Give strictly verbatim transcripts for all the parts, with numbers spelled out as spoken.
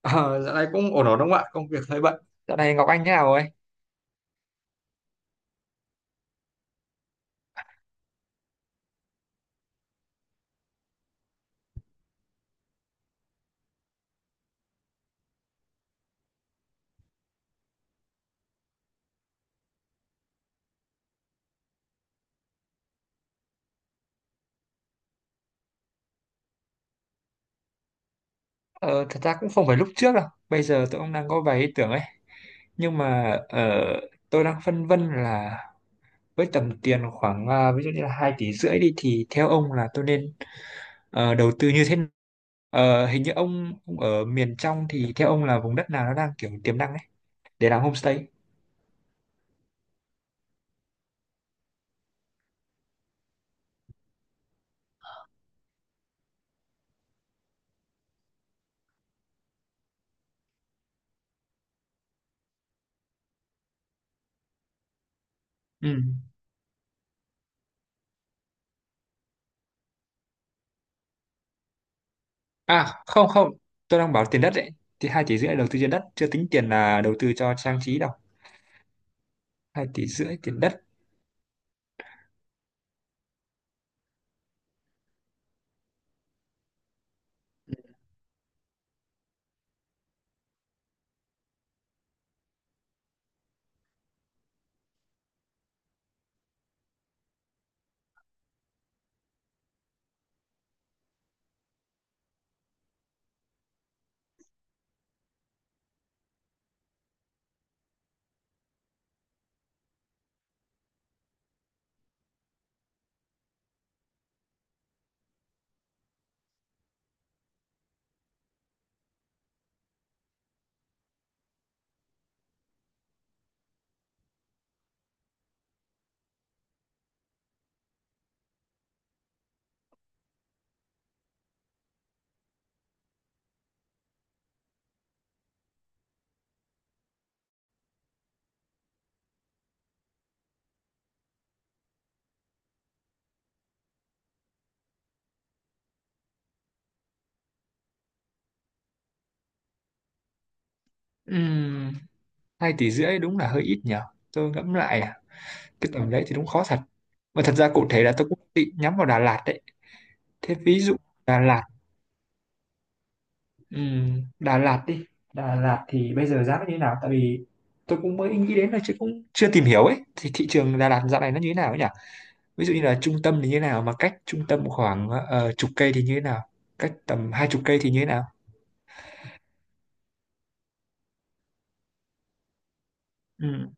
Ờ, Dạo này cũng ổn ổn đúng không ạ? Công việc hơi bận. Dạo này Ngọc Anh thế nào ấy? Ờ, Thật ra cũng không phải lúc trước đâu. Bây giờ tôi cũng đang có vài ý tưởng ấy. Nhưng mà ờ, tôi đang phân vân là với tầm tiền khoảng à, ví dụ như là hai tỷ rưỡi đi thì theo ông là tôi nên ờ, đầu tư như thế nào? Ờ, hình như ông, ông ở miền trong thì theo ông là vùng đất nào nó đang kiểu tiềm năng ấy để làm homestay? Ừ. À, không không, tôi đang bảo tiền đất đấy. Thì hai tỷ rưỡi đầu tư trên đất chưa tính tiền là đầu tư cho trang trí đâu. Hai tỷ rưỡi tiền đất. Ừm, Hai tỷ rưỡi đúng là hơi ít nhỉ, tôi ngẫm lại à, cái tầm đấy thì đúng khó thật, mà thật ra cụ thể là tôi cũng định nhắm vào Đà Lạt đấy. Thế ví dụ Đà Lạt, ừm, Đà Lạt đi. Đà Lạt thì bây giờ giá nó như thế nào, tại vì tôi cũng mới nghĩ đến là chứ cũng chưa tìm hiểu ấy, thì thị trường Đà Lạt dạo này nó như thế nào ấy nhỉ? Ví dụ như là trung tâm thì như thế nào, mà cách trung tâm khoảng ờ, chục cây thì như thế nào, cách tầm hai chục cây thì như thế nào? Ừm,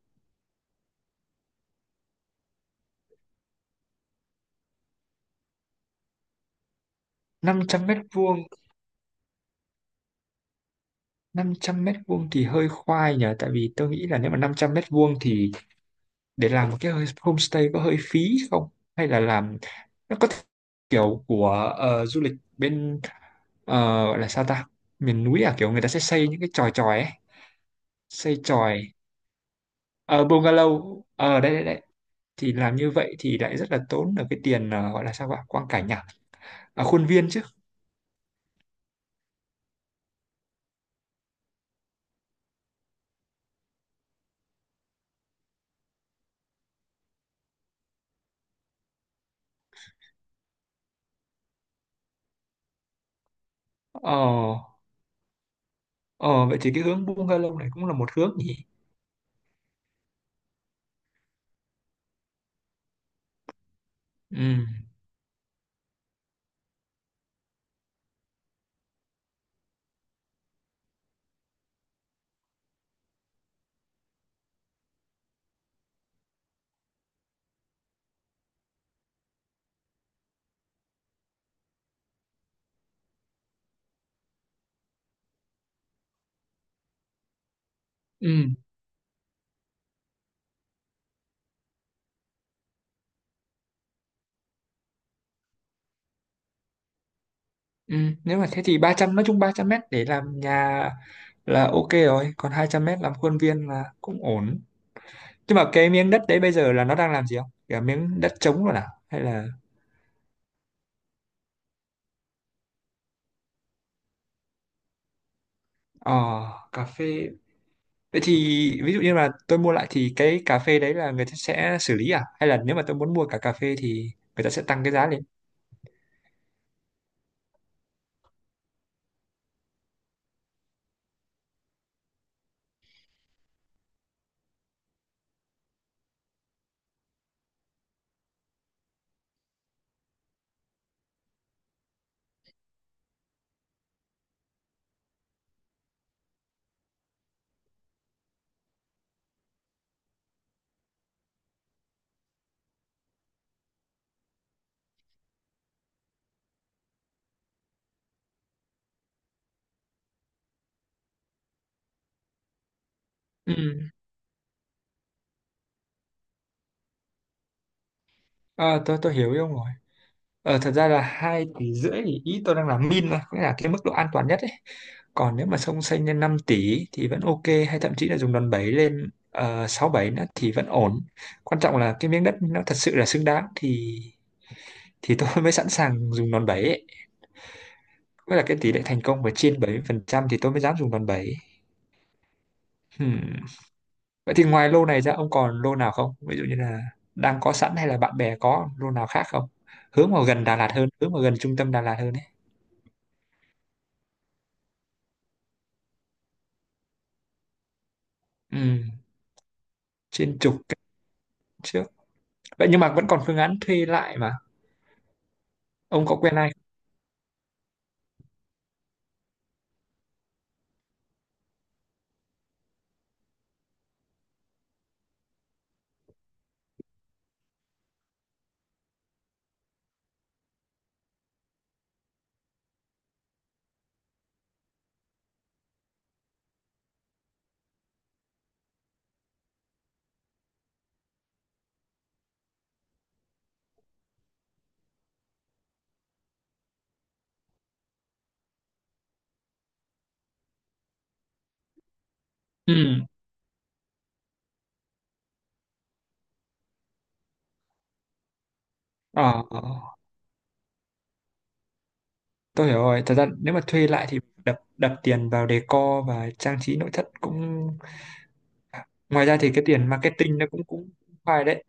Năm trăm mét vuông. Năm trăm mét vuông thì hơi khoai nhỉ, tại vì tôi nghĩ là nếu mà năm trăm mét vuông thì để làm một cái homestay có hơi phí không, hay là làm, nó có kiểu của ờ, du lịch bên ờ, gọi là sao ta, miền núi à, kiểu người ta sẽ xây những cái chòi chòi ấy, xây chòi. Ở bungalow ở đây đây đây thì làm như vậy thì lại rất là tốn ở cái tiền ờ, gọi là sao ạ, quang cảnh à, à khuôn viên chứ. ờ ờ Vậy thì cái hướng bungalow này cũng là một hướng nhỉ. Ừ. Ừ. Ừ. Nếu mà thế thì ba trăm, nói chung ba trăm mét để làm nhà là ok rồi, còn hai trăm mét làm khuôn viên là cũng ổn. Nhưng mà cái miếng đất đấy bây giờ là nó đang làm gì không, cả miếng đất trống rồi à hay là? Ờ, cà phê. Vậy thì ví dụ như là tôi mua lại thì cái cà phê đấy là người ta sẽ xử lý, à hay là nếu mà tôi muốn mua cả cà phê thì người ta sẽ tăng cái giá lên? Ừ. Ờ, tôi tôi hiểu ý ông rồi. Ờ, thật ra là hai tỷ rưỡi thì ý tôi đang là min thôi, nghĩa là cái mức độ an toàn nhất ấy. Còn nếu mà xông xanh lên năm tỷ thì vẫn ok, hay thậm chí là dùng đòn bẩy lên uh, sáu bảy nữa thì vẫn ổn. Quan trọng là cái miếng đất nó thật sự là xứng đáng thì thì tôi mới sẵn sàng dùng đòn bẩy ấy. Với là cái tỷ lệ thành công phải trên bảy mươi phần trăm thì tôi mới dám dùng đòn bẩy. Hmm. Vậy thì ngoài lô này ra ông còn lô nào không? Ví dụ như là đang có sẵn hay là bạn bè có lô nào khác không? Hướng vào gần Đà Lạt hơn, hướng vào gần trung tâm Đà Lạt hơn ấy. Ừ, trên trục trước, vậy nhưng mà vẫn còn phương án thuê lại mà, ông có quen ai không? Ừ. ờ ờ. Tôi hiểu rồi, thật ra nếu mà thuê lại thì đập đập tiền vào decor và trang trí nội thất cũng, ngoài ra thì cái tiền marketing nó cũng cũng phải đấy.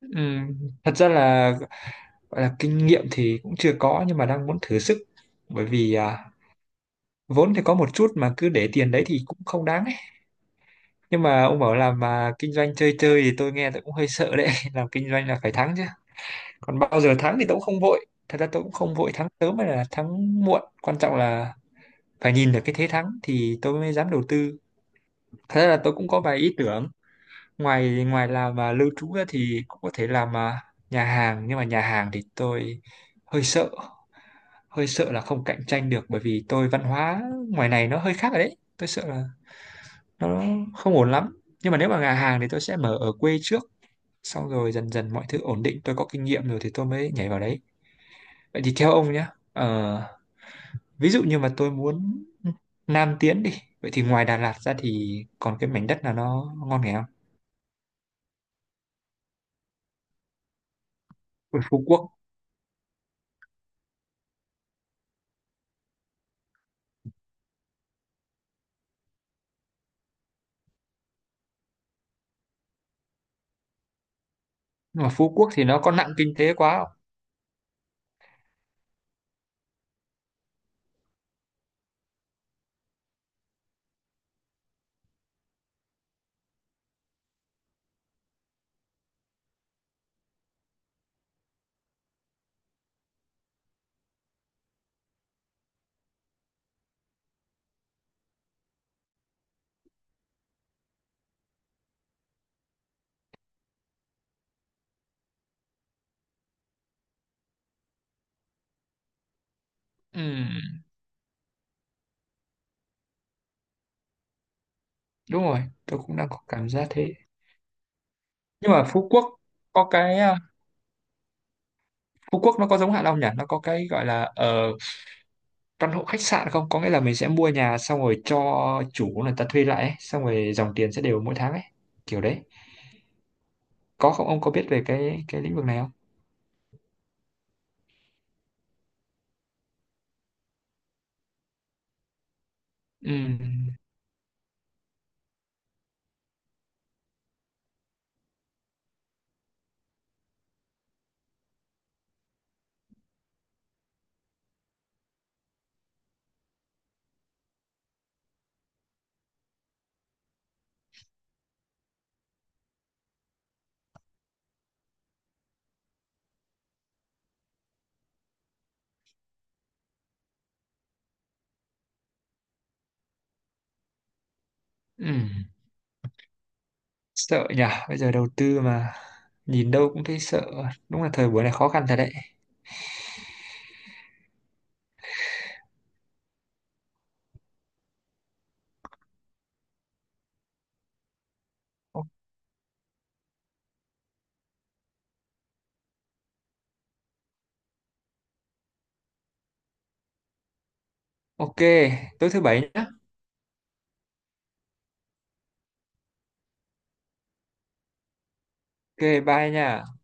Ừm, Thật ra là gọi là kinh nghiệm thì cũng chưa có nhưng mà đang muốn thử sức, bởi vì à, vốn thì có một chút mà cứ để tiền đấy thì cũng không đáng ấy. Nhưng mà ông bảo là mà kinh doanh chơi chơi thì tôi nghe tôi cũng hơi sợ đấy làm kinh doanh là phải thắng chứ. Còn bao giờ thắng thì tôi cũng không vội, thật ra tôi cũng không vội thắng sớm hay là thắng muộn, quan trọng là phải nhìn được cái thế thắng thì tôi mới dám đầu tư. Thật ra là tôi cũng có vài ý tưởng, ngoài ngoài làm mà lưu trú ra thì cũng có thể làm à, nhà hàng, nhưng mà nhà hàng thì tôi hơi sợ, hơi sợ là không cạnh tranh được, bởi vì tôi văn hóa ngoài này nó hơi khác rồi đấy, tôi sợ là nó không ổn lắm. Nhưng mà nếu mà nhà hàng thì tôi sẽ mở ở quê trước, xong rồi dần dần mọi thứ ổn định, tôi có kinh nghiệm rồi thì tôi mới nhảy vào đấy. Vậy thì theo ông nhé, ờ, ví dụ như mà tôi muốn Nam tiến đi, vậy thì ngoài Đà Lạt ra thì còn cái mảnh đất nào nó ngon nghè không? Ôi, Phú Quốc, nhưng mà Phú Quốc thì nó có nặng kinh tế quá không? Ừm, đúng rồi, tôi cũng đang có cảm giác thế. Nhưng mà Phú Quốc có cái à, Phú Quốc nó có giống Hạ Long nhỉ? Nó có cái gọi là ờ, căn hộ khách sạn không? Có nghĩa là mình sẽ mua nhà xong rồi cho chủ người ta thuê lại ấy, xong rồi dòng tiền sẽ đều mỗi tháng ấy, kiểu đấy. Có không? Ông có biết về cái cái lĩnh vực này không? Ừm. Ừ. Sợ nhỉ, bây giờ đầu tư mà nhìn đâu cũng thấy sợ, đúng là thời buổi này khó khăn thật đấy. O- ok, tối thứ bảy nhá. Ok, bye nha.